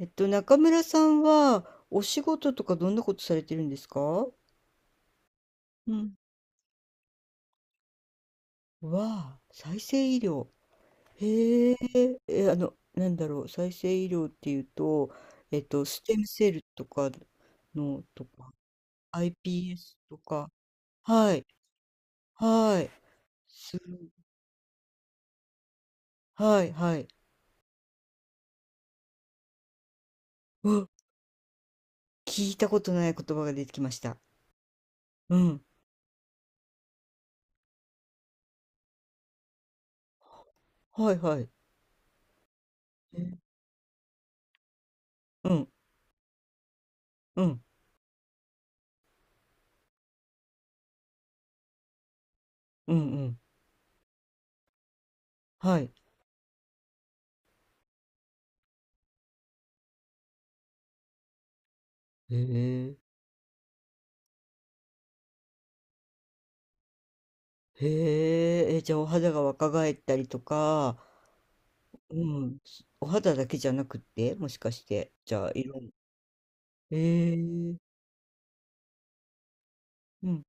中村さんは、お仕事とかどんなことされてるんですか？うん、わあ、再生医療。へえ、え、なんだろう、再生医療っていうと、ステムセルとかの、とか、iPS とか、はい、はい、す、はい、はい。うわ、聞いたことない言葉が出てきました。うん、はい、はい。え、うん、うん、うん、うん、はい。へえ。へえ、え、じゃあお肌が若返ったりとか、うん、お肌だけじゃなくって、もしかして、じゃあ色も、ええ、うん、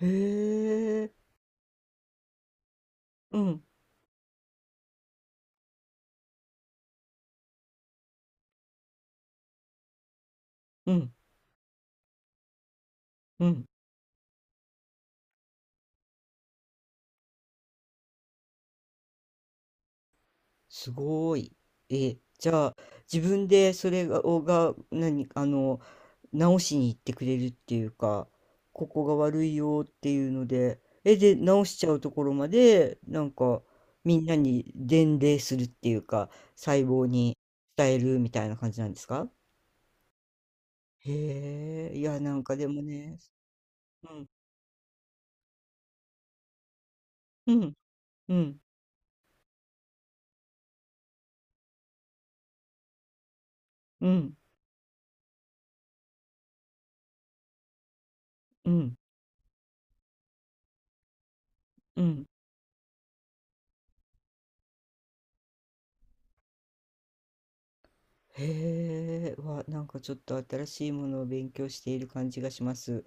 へえ、うん、うん、うん。すごーい。え、じゃあ、自分でそれが、をが、何、直しに行ってくれるっていうか、ここが悪いよっていうので、え、で、直しちゃうところまで、なんか、みんなに伝令するっていうか、細胞に伝えるみたいな感じなんですか？へえ、いや、なんかでもね、うん、うん、うん、うん、うん、うん。へえ、わ、なんかちょっと新しいものを勉強している感じがします。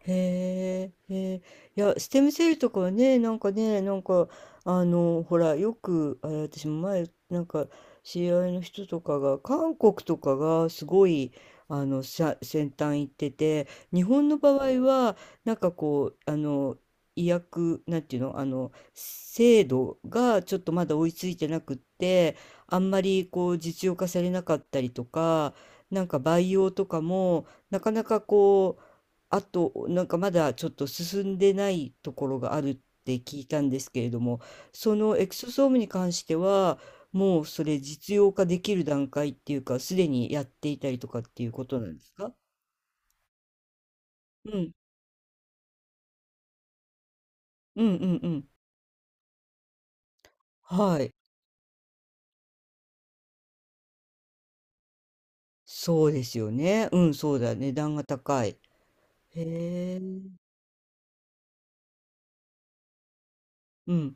へえ、へえ、いや、ステムセールとかはね、なんかね、なんか、ほら、よく、あれ、私も前、なんか、知り合いの人とかが、韓国とかがすごい、先端行ってて、日本の場合は、なんかこう、医薬、なんていうの、制度がちょっとまだ追いついてなくって、あんまりこう、実用化されなかったりとか、なんか培養とかも、なかなかこう、あと、なんかまだちょっと進んでないところがあるって聞いたんですけれども、そのエクソソームに関しては、もうそれ実用化できる段階っていうか、すでにやっていたりとかっていうことなんですか？うん。うんうんうん。はい。そうですよね。うん、そうだね。値段が高い。へえ。うん、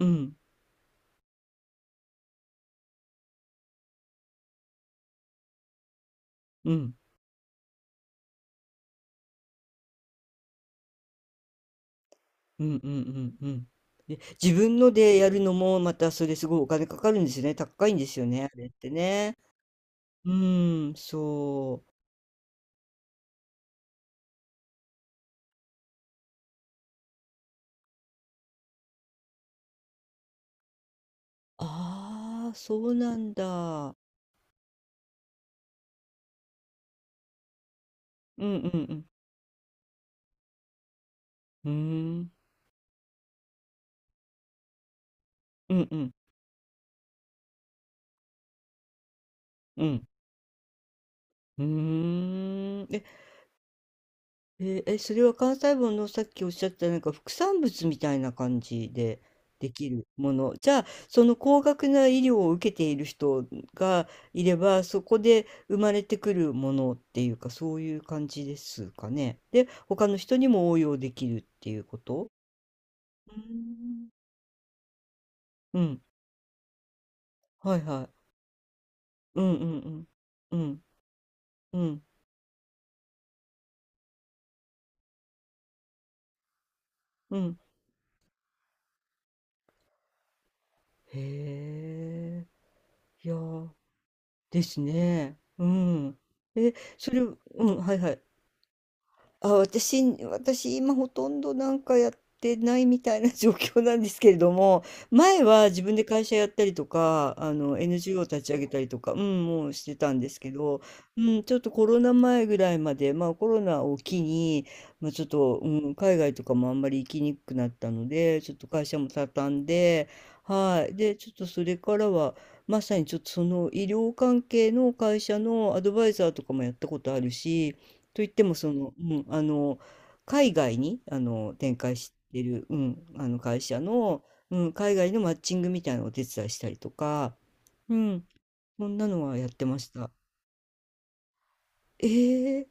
うん、うん、うん、うん、うん、うん。で、自分のでやるのもまたそれすごいお金かかるんですよね。高いんですよね、あれってね。うーん、そう。ああ、そうなんだ。うんうんうん。うーん。うんうん。うん。うーん。え、えーえそれは関西文のさっきおっしゃったなんか副産物みたいな感じでできるもの。じゃあ、その高額な医療を受けている人がいれば、そこで生まれてくるものっていうか、そういう感じですかね。で、他の人にも応用できるっていうこと。うーん。うん。はいはい。うんうんうん。うん、うん、うん。へえ。いやー、ですね。うん。え、それうん、はいはい。あ、私今ほとんどなんかやってないみたいな 状況なんですけれども、前は自分で会社やったりとか、あの NGO を立ち上げたりとか、うん、もうしてたんですけど、うん、ちょっとコロナ前ぐらいまで、まあコロナを機に、まあ、ちょっと、うん、海外とかもあんまり行きにくくなったので、ちょっと会社も畳んで、はい。で、ちょっとそれからは、まさにちょっとその医療関係の会社のアドバイザーとかもやったことあるし、といってもその、うん、海外に展開してる、うん、あの会社の、うん、海外のマッチングみたいなのをお手伝いしたりとか、うん、そんなのはやってました。えー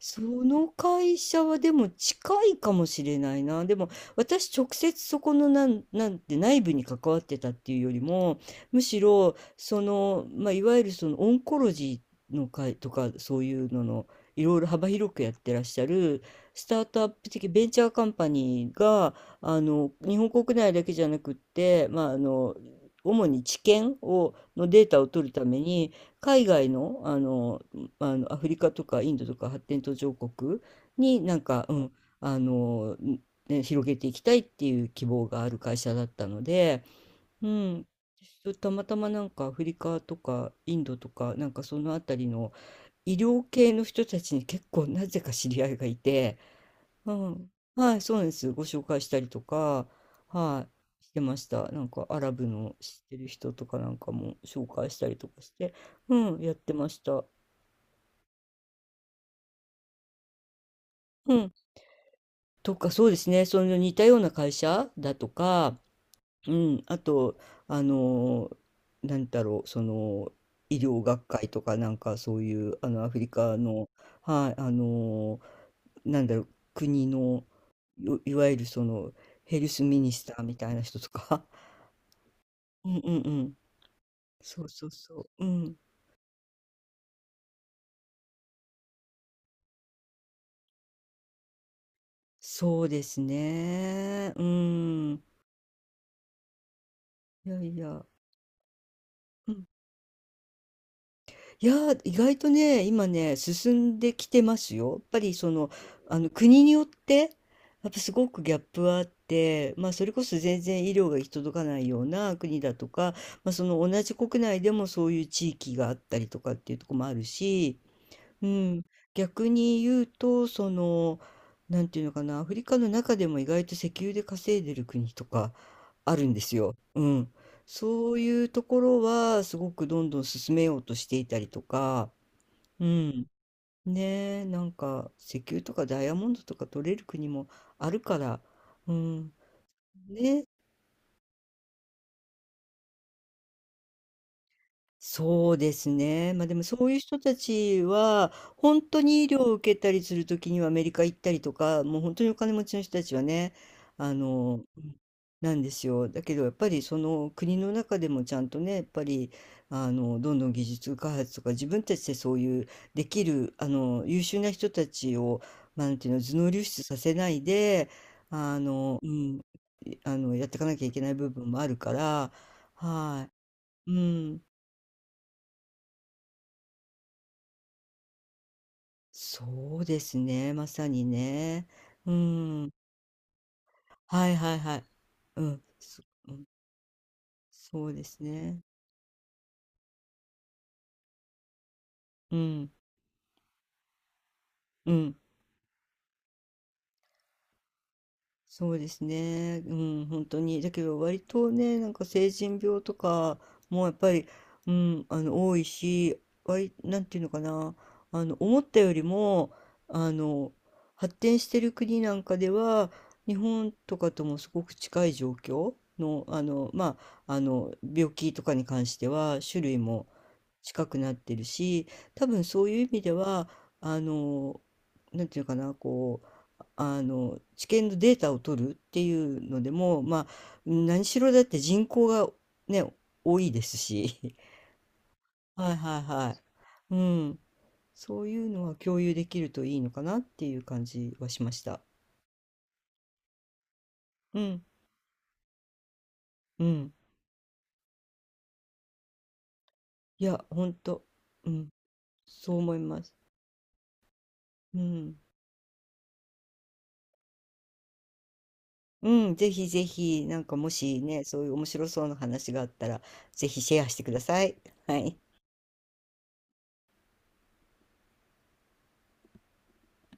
その会社はでも近いかもしれないな。でも私直接そこのなんて内部に関わってたっていうよりも、むしろその、まあ、いわゆるそのオンコロジーの会とかそういうののいろいろ幅広くやってらっしゃるスタートアップ的ベンチャーカンパニーが、日本国内だけじゃなくって、まあ、主に治験を、のデータを取るために、海外の、アフリカとかインドとか発展途上国になんか、うん、あの、ね、広げていきたいっていう希望がある会社だったので、うん、私たまたまなんかアフリカとかインドとかなんかそのあたりの医療系の人たちに結構なぜか知り合いがいて、うん、はい、そうなんです。ご紹介したりとか、はい、してました。なんかアラブの知ってる人とかなんかも紹介したりとかして、うん、やってました。うん。とか、そうですね。その似たような会社だとか、うん、あと、あの、なんだろう、その、医療学会とか、なんかそういう、アフリカの、はい、なんだろう、国の、いわゆるその、ヘルスミニスターみたいな人とか、うんうんうん。そうそうそう。うん。そうですね。うん。いやいや。うん、いやー、意外とね、今ね、進んできてますよ。やっぱりその、国によって、やっぱすごくギャップはあって、まあそれこそ全然医療が行き届かないような国だとか、まあその同じ国内でもそういう地域があったりとかっていうところもあるし、うん、逆に言うと、その、なんていうのかな、アフリカの中でも意外と石油で稼いでる国とかあるんですよ。うん。そういうところは、すごくどんどん進めようとしていたりとか、うん。ねえ、なんか、石油とかダイヤモンドとか取れる国もあるから、うん。ね、そうですね。まあでもそういう人たちは、本当に医療を受けたりするときにはアメリカ行ったりとか、もう本当にお金持ちの人たちはね、あの、なんですよ。だけどやっぱりその国の中でもちゃんとね、やっぱり、どんどん技術開発とか自分たちでそういうできる、優秀な人たちを、まあ、なんていうの、頭脳流出させないで、うん、いあの、やっていかなきゃいけない部分もあるから、はい。うん。そうですね、まさにね。うん。はいはいはい。うん。そうん、そうですね。うん、うん。そうですね。うん、本当に。だけど割とね、なんか成人病とかもやっぱり、うん、多いし、割、なんていうのかな、思ったよりも、あの、発展してる国なんかでは、日本とかともすごく近い状況の、病気とかに関しては、種類も近くなってるし、多分そういう意味では、あの、なんていうかな、こう、あの治験のデータを取るっていうのでも、まあ、何しろだって人口がね、多いですし、はいはいはい。うん、そういうのは共有できるといいのかなっていう感じはしました。うん、うん。いや、本当うん、そう思います。うん、うん、ぜひぜひ、なんかもしね、そういう面白そうな話があったら、ぜひシェアしてください。はい。